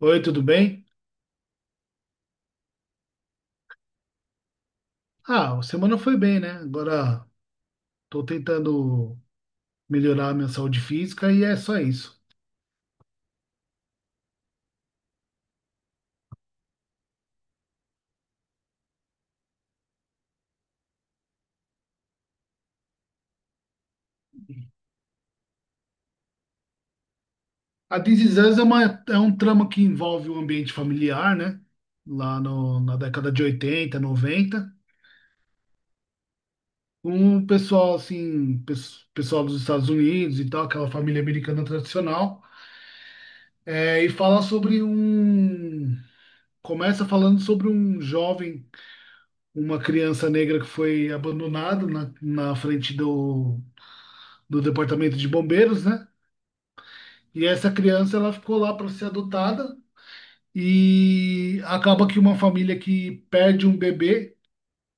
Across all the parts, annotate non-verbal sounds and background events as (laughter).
Oi, tudo bem? Ah, a semana foi bem, né? Agora tô tentando melhorar a minha saúde física e é só isso. A This Is Us uma, é um trama que envolve o ambiente familiar, né? Lá no, na década de 80, noventa. Um pessoal, assim, pessoal dos Estados Unidos e tal, aquela família americana tradicional. É, e fala sobre um. Começa falando sobre um jovem, uma criança negra que foi abandonada na frente do departamento de bombeiros, né? E essa criança ela ficou lá para ser adotada e acaba que uma família que perde um bebê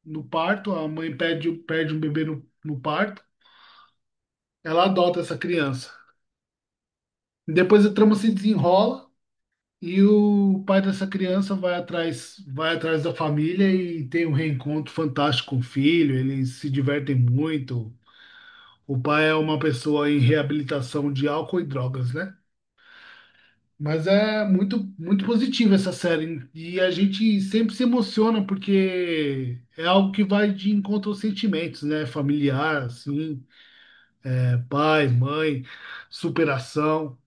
no parto, a mãe perde um bebê no parto, ela adota essa criança. Depois a trama se desenrola e o pai dessa criança vai atrás da família e tem um reencontro fantástico com o filho, eles se divertem muito. O pai é uma pessoa em reabilitação de álcool e drogas, né? Mas é muito, muito positiva essa série. E a gente sempre se emociona porque é algo que vai de encontro aos sentimentos, né? Familiar, assim, é, pai, mãe, superação.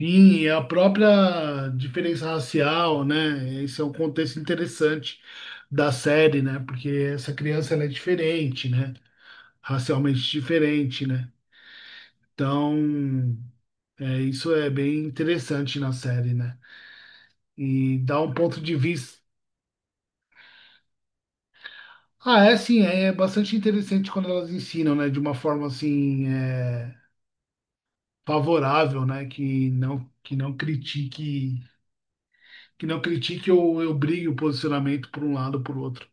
Sim, a própria diferença racial, né? Esse é um contexto interessante da série, né? Porque essa criança ela é diferente, né? Racialmente diferente, né? Então, é, isso é bem interessante na série, né? E dá um ponto de vista. Ah, é sim, é bastante interessante quando elas ensinam, né, de uma forma assim, é, favorável, né, que não critique ou eu brigue o posicionamento por um lado ou por outro.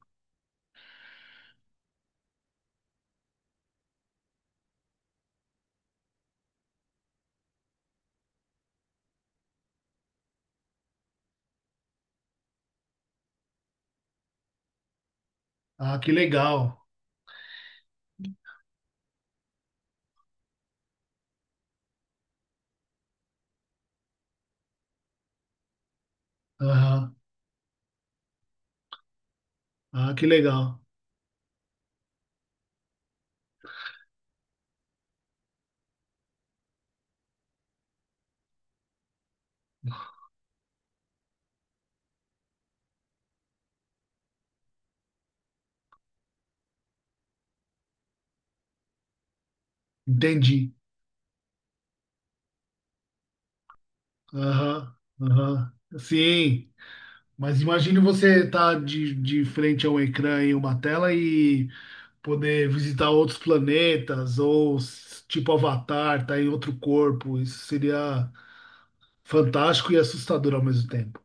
Ah, que legal. Aham. Ah, que legal. Entendi. Aham. Aham. Sim. Mas imagine você estar de frente a um ecrã e uma tela e poder visitar outros planetas ou tipo Avatar, tá em outro corpo. Isso seria fantástico e assustador ao mesmo tempo.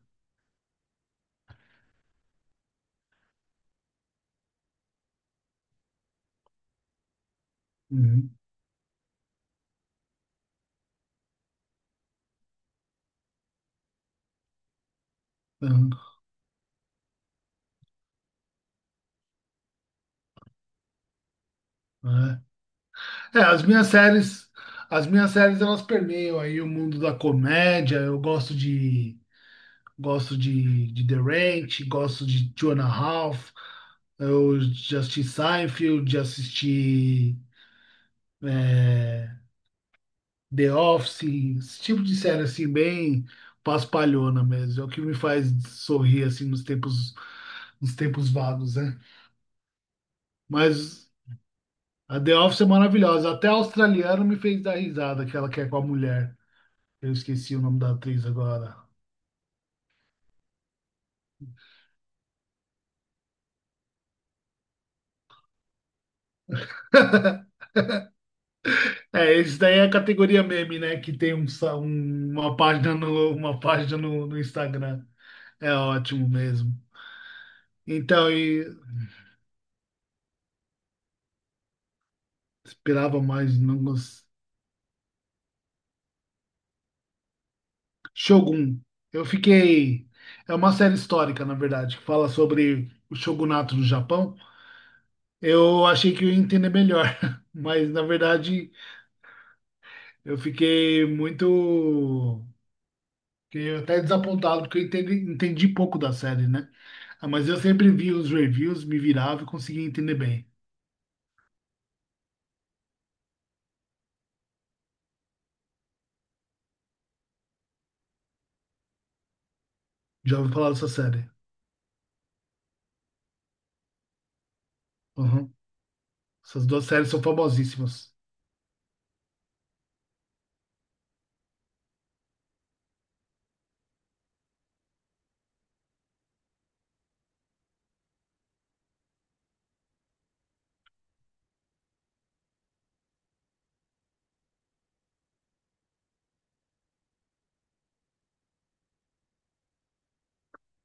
Uhum, uhum, é. É, as minhas séries elas permeiam aí o mundo da comédia. Eu gosto de The Ranch, gosto de Two and a Half. Eu já assisti Seinfeld, já assisti é, The Office, esse tipo de série assim bem paspalhona mesmo. É o que me faz sorrir assim nos tempos vagos, né? Mas a The Office é maravilhosa. Até a australiana me fez dar risada, aquela que ela quer com a mulher. Eu esqueci o nome da atriz agora. (laughs) É, esse daí é a categoria meme, né? Que tem uma página uma página no Instagram. É ótimo mesmo. Então, e esperava mais, não Shogun. Eu fiquei. É uma série histórica, na verdade, que fala sobre o shogunato no Japão. Eu achei que eu ia entender melhor, (laughs) mas na verdade eu fiquei muito. Fiquei até desapontado, porque eu entendi pouco da série, né? Ah, mas eu sempre vi os reviews, me virava e conseguia entender bem. Já ouvi falar dessa série. Uhum. Essas duas séries são famosíssimas.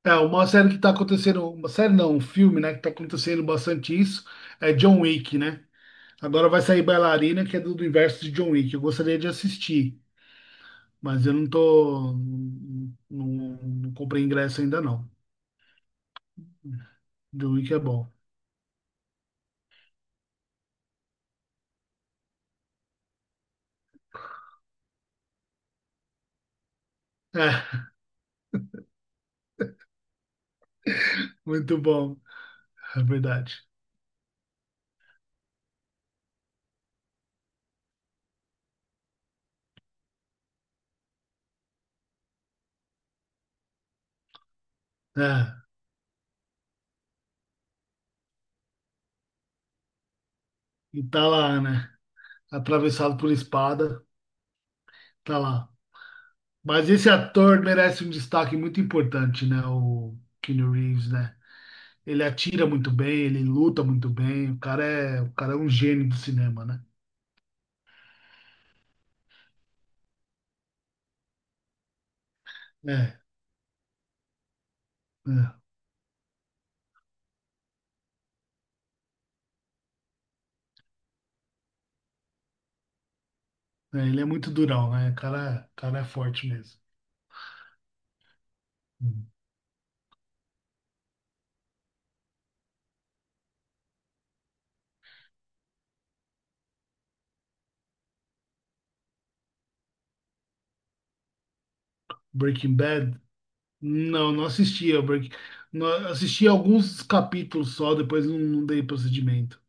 É, uma série que tá acontecendo. Uma série não, um filme, né? Que tá acontecendo bastante isso. É John Wick, né? Agora vai sair Bailarina, que é do universo de John Wick. Eu gostaria de assistir, mas eu não tô. Não, não comprei ingresso ainda, não. John Wick é bom. É. Muito bom, é verdade. É, e tá lá, né? Atravessado por espada, tá lá. Mas esse ator merece um destaque muito importante, né? O Keanu Reeves, né? Ele atira muito bem, ele luta muito bem. O cara é um gênio do cinema, né? É, é, é, ele é muito durão, né? O cara é forte mesmo. Hum. Breaking Bad? Não, não assistia. Break... Não, assisti alguns capítulos só, depois não, não dei procedimento.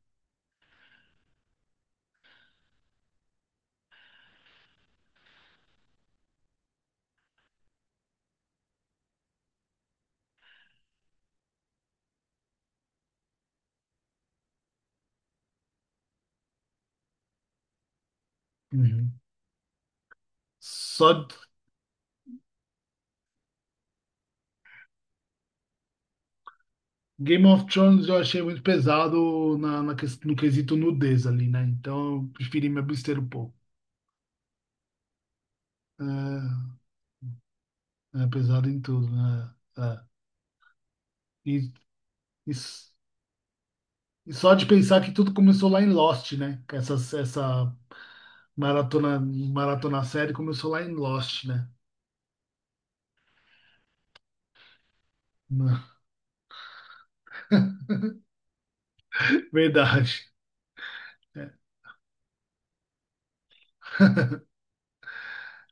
Uhum. Só, Game of Thrones eu achei muito pesado na no quesito nudez ali, né? Então eu preferi me abster um pouco. É, é pesado em tudo, né? É. É. E, e, s- e só de pensar que tudo começou lá em Lost, né? Que essa maratona série começou lá em Lost, né? (laughs) Verdade. É,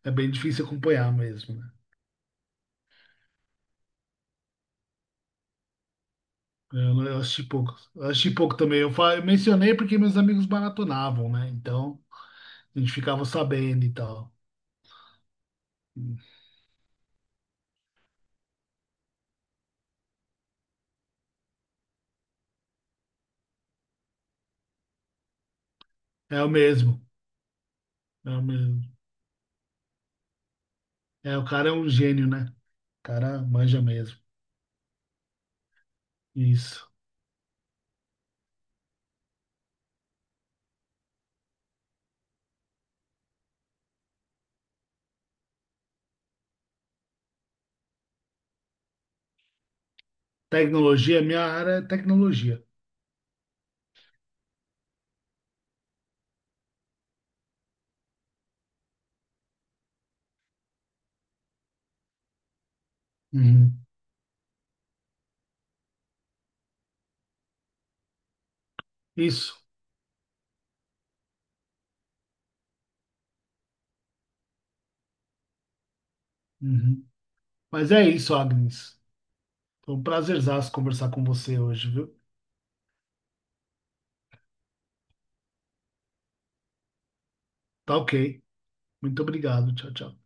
é bem difícil acompanhar mesmo, né? Eu, não- eu assisti pouco. Eu assisti pouco também. Eu mencionei porque meus amigos maratonavam, né? Então a gente ficava sabendo e tal. É o mesmo, é o mesmo. É, o cara é um gênio, né? O cara manja mesmo. Isso. Tecnologia, minha área é tecnologia. Uhum. Isso. Uhum. Mas é isso, Agnes. Foi um prazerzaço conversar com você hoje, viu? Tá ok. Muito obrigado. Tchau, tchau.